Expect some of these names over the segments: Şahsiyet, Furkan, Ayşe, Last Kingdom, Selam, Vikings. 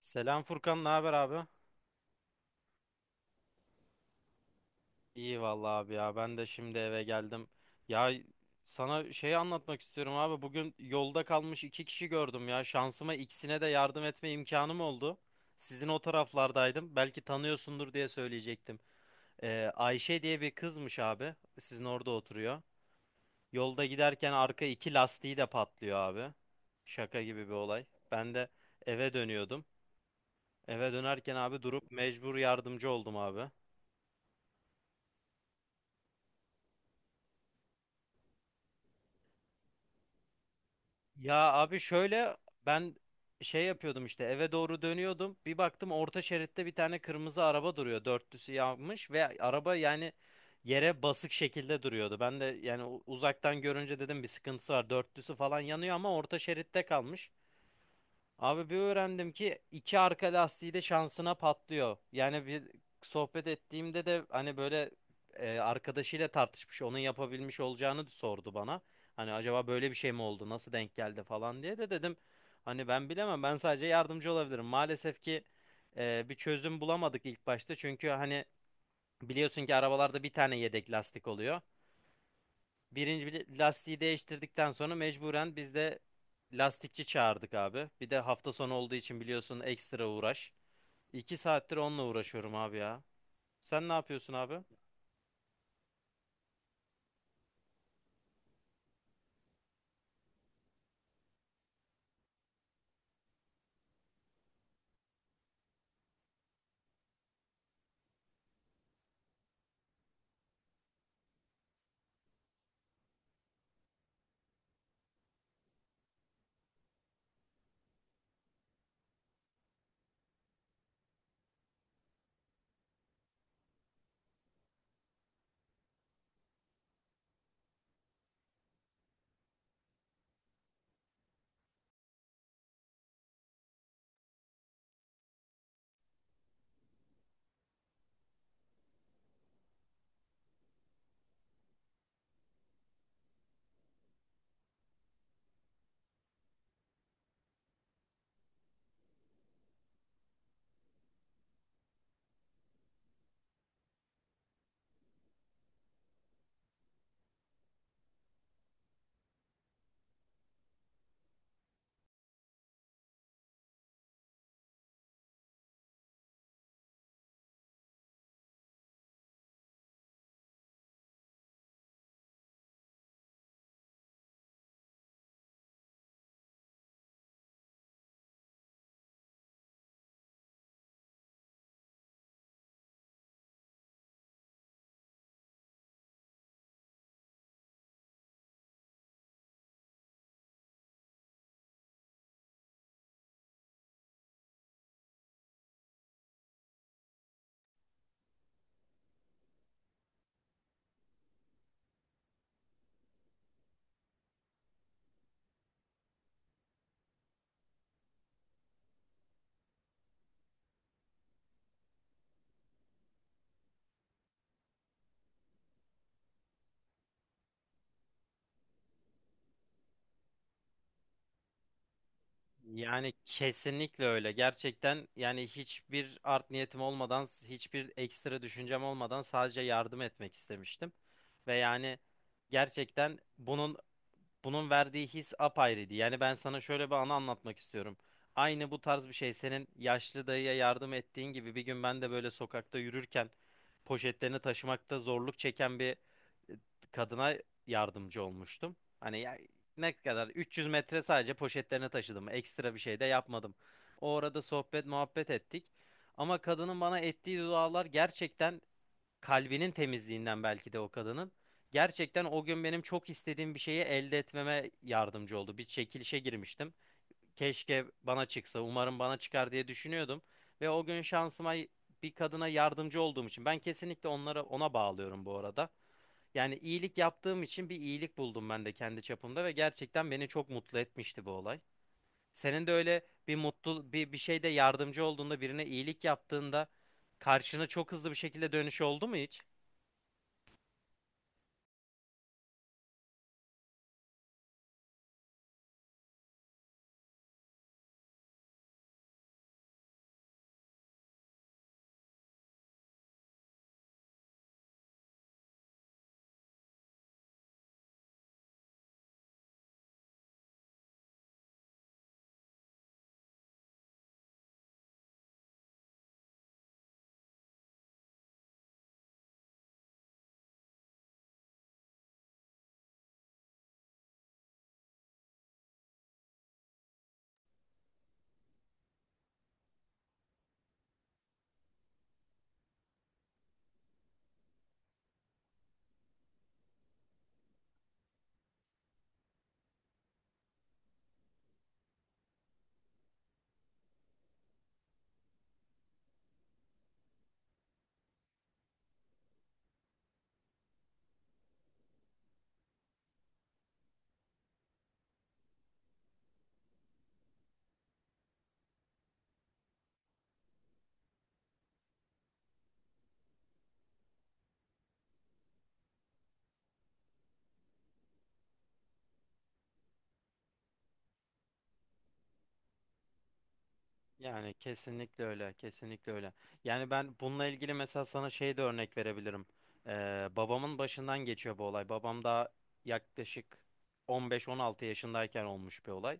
Selam Furkan, ne haber abi? İyi vallahi abi ya. Ben de şimdi eve geldim. Ya sana şeyi anlatmak istiyorum abi. Bugün yolda kalmış iki kişi gördüm ya. Şansıma ikisine de yardım etme imkanım oldu. Sizin o taraflardaydım. Belki tanıyorsundur diye söyleyecektim. Ayşe diye bir kızmış abi. Sizin orada oturuyor. Yolda giderken arka iki lastiği de patlıyor abi. Şaka gibi bir olay. Ben de eve dönüyordum. Eve dönerken abi durup mecbur yardımcı oldum abi. Ya abi şöyle ben şey yapıyordum işte eve doğru dönüyordum. Bir baktım orta şeritte bir tane kırmızı araba duruyor. Dörtlüsü yanmış ve araba yani yere basık şekilde duruyordu. Ben de yani uzaktan görünce dedim bir sıkıntısı var. Dörtlüsü falan yanıyor ama orta şeritte kalmış. Abi bir öğrendim ki iki arka lastiği de şansına patlıyor. Yani bir sohbet ettiğimde de hani böyle arkadaşıyla tartışmış onun yapabilmiş olacağını sordu bana. Hani acaba böyle bir şey mi oldu, nasıl denk geldi falan diye de dedim. Hani ben bilemem, ben sadece yardımcı olabilirim. Maalesef ki bir çözüm bulamadık ilk başta, çünkü hani biliyorsun ki arabalarda bir tane yedek lastik oluyor. Birinci bir lastiği değiştirdikten sonra mecburen biz de lastikçi çağırdık abi. Bir de hafta sonu olduğu için biliyorsun, ekstra uğraş. 2 saattir onunla uğraşıyorum abi ya. Sen ne yapıyorsun abi? Yani kesinlikle öyle. Gerçekten yani hiçbir art niyetim olmadan, hiçbir ekstra düşüncem olmadan sadece yardım etmek istemiştim. Ve yani gerçekten bunun verdiği his apayrıydı. Yani ben sana şöyle bir anı anlatmak istiyorum. Aynı bu tarz bir şey, senin yaşlı dayıya yardım ettiğin gibi, bir gün ben de böyle sokakta yürürken poşetlerini taşımakta zorluk çeken bir e, kadına yardımcı olmuştum. Hani ya, ne kadar, 300 metre sadece poşetlerini taşıdım. Ekstra bir şey de yapmadım. O arada sohbet muhabbet ettik. Ama kadının bana ettiği dualar, gerçekten kalbinin temizliğinden belki de o kadının, gerçekten o gün benim çok istediğim bir şeyi elde etmeme yardımcı oldu. Bir çekilişe girmiştim. Keşke bana çıksa, umarım bana çıkar diye düşünüyordum. Ve o gün şansıma bir kadına yardımcı olduğum için, ben kesinlikle onlara ona bağlıyorum bu arada. Yani iyilik yaptığım için bir iyilik buldum ben de kendi çapımda, ve gerçekten beni çok mutlu etmişti bu olay. Senin de öyle bir mutlu bir şeyde yardımcı olduğunda, birine iyilik yaptığında, karşına çok hızlı bir şekilde dönüş oldu mu hiç? Yani kesinlikle öyle, kesinlikle öyle. Yani ben bununla ilgili mesela sana şey de örnek verebilirim. Babamın başından geçiyor bu olay. Babam da yaklaşık 15-16 yaşındayken olmuş bir olay.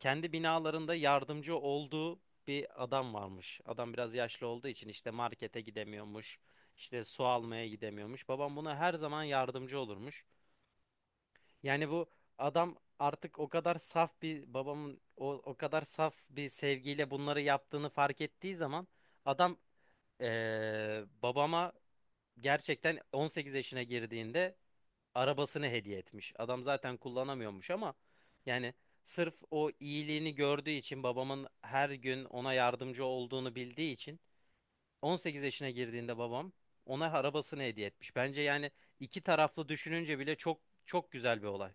Kendi binalarında yardımcı olduğu bir adam varmış. Adam biraz yaşlı olduğu için işte markete gidemiyormuş, işte su almaya gidemiyormuş. Babam buna her zaman yardımcı olurmuş. Yani bu adam, artık o kadar saf bir, babamın o kadar saf bir sevgiyle bunları yaptığını fark ettiği zaman, adam babama, gerçekten 18 yaşına girdiğinde arabasını hediye etmiş. Adam zaten kullanamıyormuş ama yani sırf o iyiliğini gördüğü için, babamın her gün ona yardımcı olduğunu bildiği için, 18 yaşına girdiğinde babam, ona arabasını hediye etmiş. Bence yani iki taraflı düşününce bile çok çok güzel bir olay.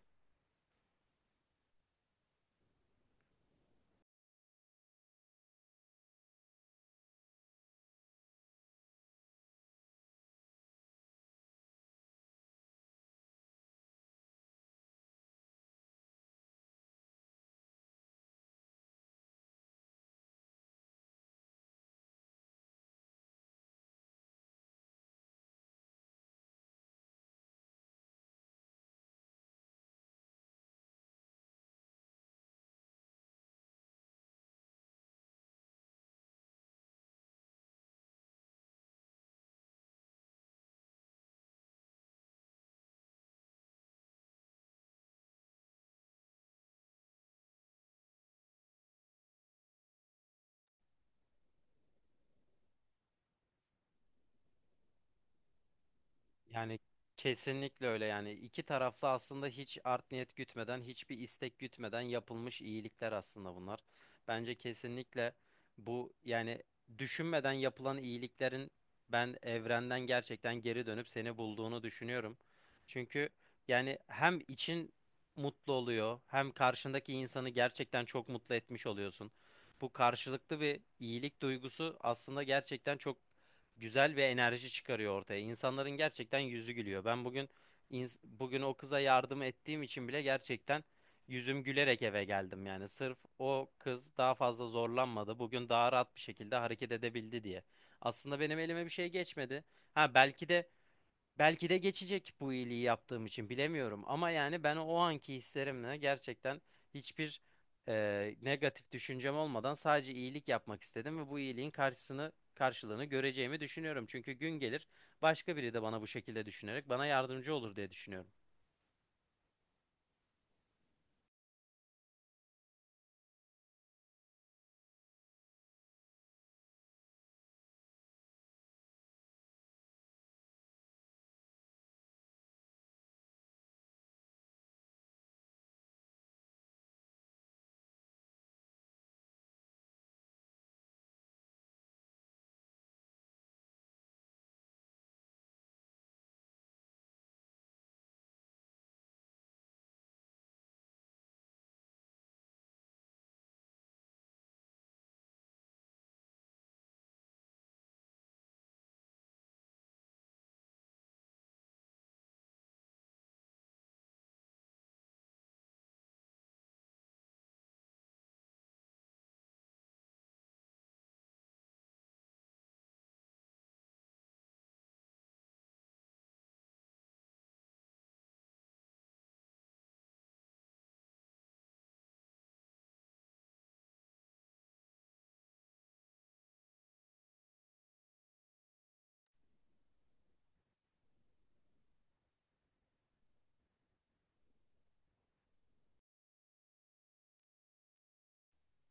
Yani kesinlikle öyle, yani iki taraflı aslında hiç art niyet gütmeden, hiçbir istek gütmeden yapılmış iyilikler aslında bunlar. Bence kesinlikle bu, yani düşünmeden yapılan iyiliklerin ben evrenden gerçekten geri dönüp seni bulduğunu düşünüyorum. Çünkü yani hem için mutlu oluyor, hem karşındaki insanı gerçekten çok mutlu etmiş oluyorsun. Bu karşılıklı bir iyilik duygusu aslında gerçekten çok güzel bir enerji çıkarıyor ortaya. İnsanların gerçekten yüzü gülüyor. Ben bugün, bugün o kıza yardım ettiğim için bile gerçekten yüzüm gülerek eve geldim. Yani sırf o kız daha fazla zorlanmadı, bugün daha rahat bir şekilde hareket edebildi diye. Aslında benim elime bir şey geçmedi. Ha belki de geçecek bu iyiliği yaptığım için, bilemiyorum. Ama yani ben o anki hislerimle gerçekten hiçbir negatif düşüncem olmadan sadece iyilik yapmak istedim, ve bu iyiliğin karşısını karşılığını göreceğimi düşünüyorum. Çünkü gün gelir, başka biri de bana bu şekilde düşünerek bana yardımcı olur diye düşünüyorum.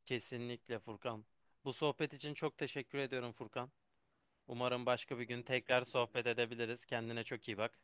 Kesinlikle Furkan. Bu sohbet için çok teşekkür ediyorum Furkan. Umarım başka bir gün tekrar sohbet edebiliriz. Kendine çok iyi bak.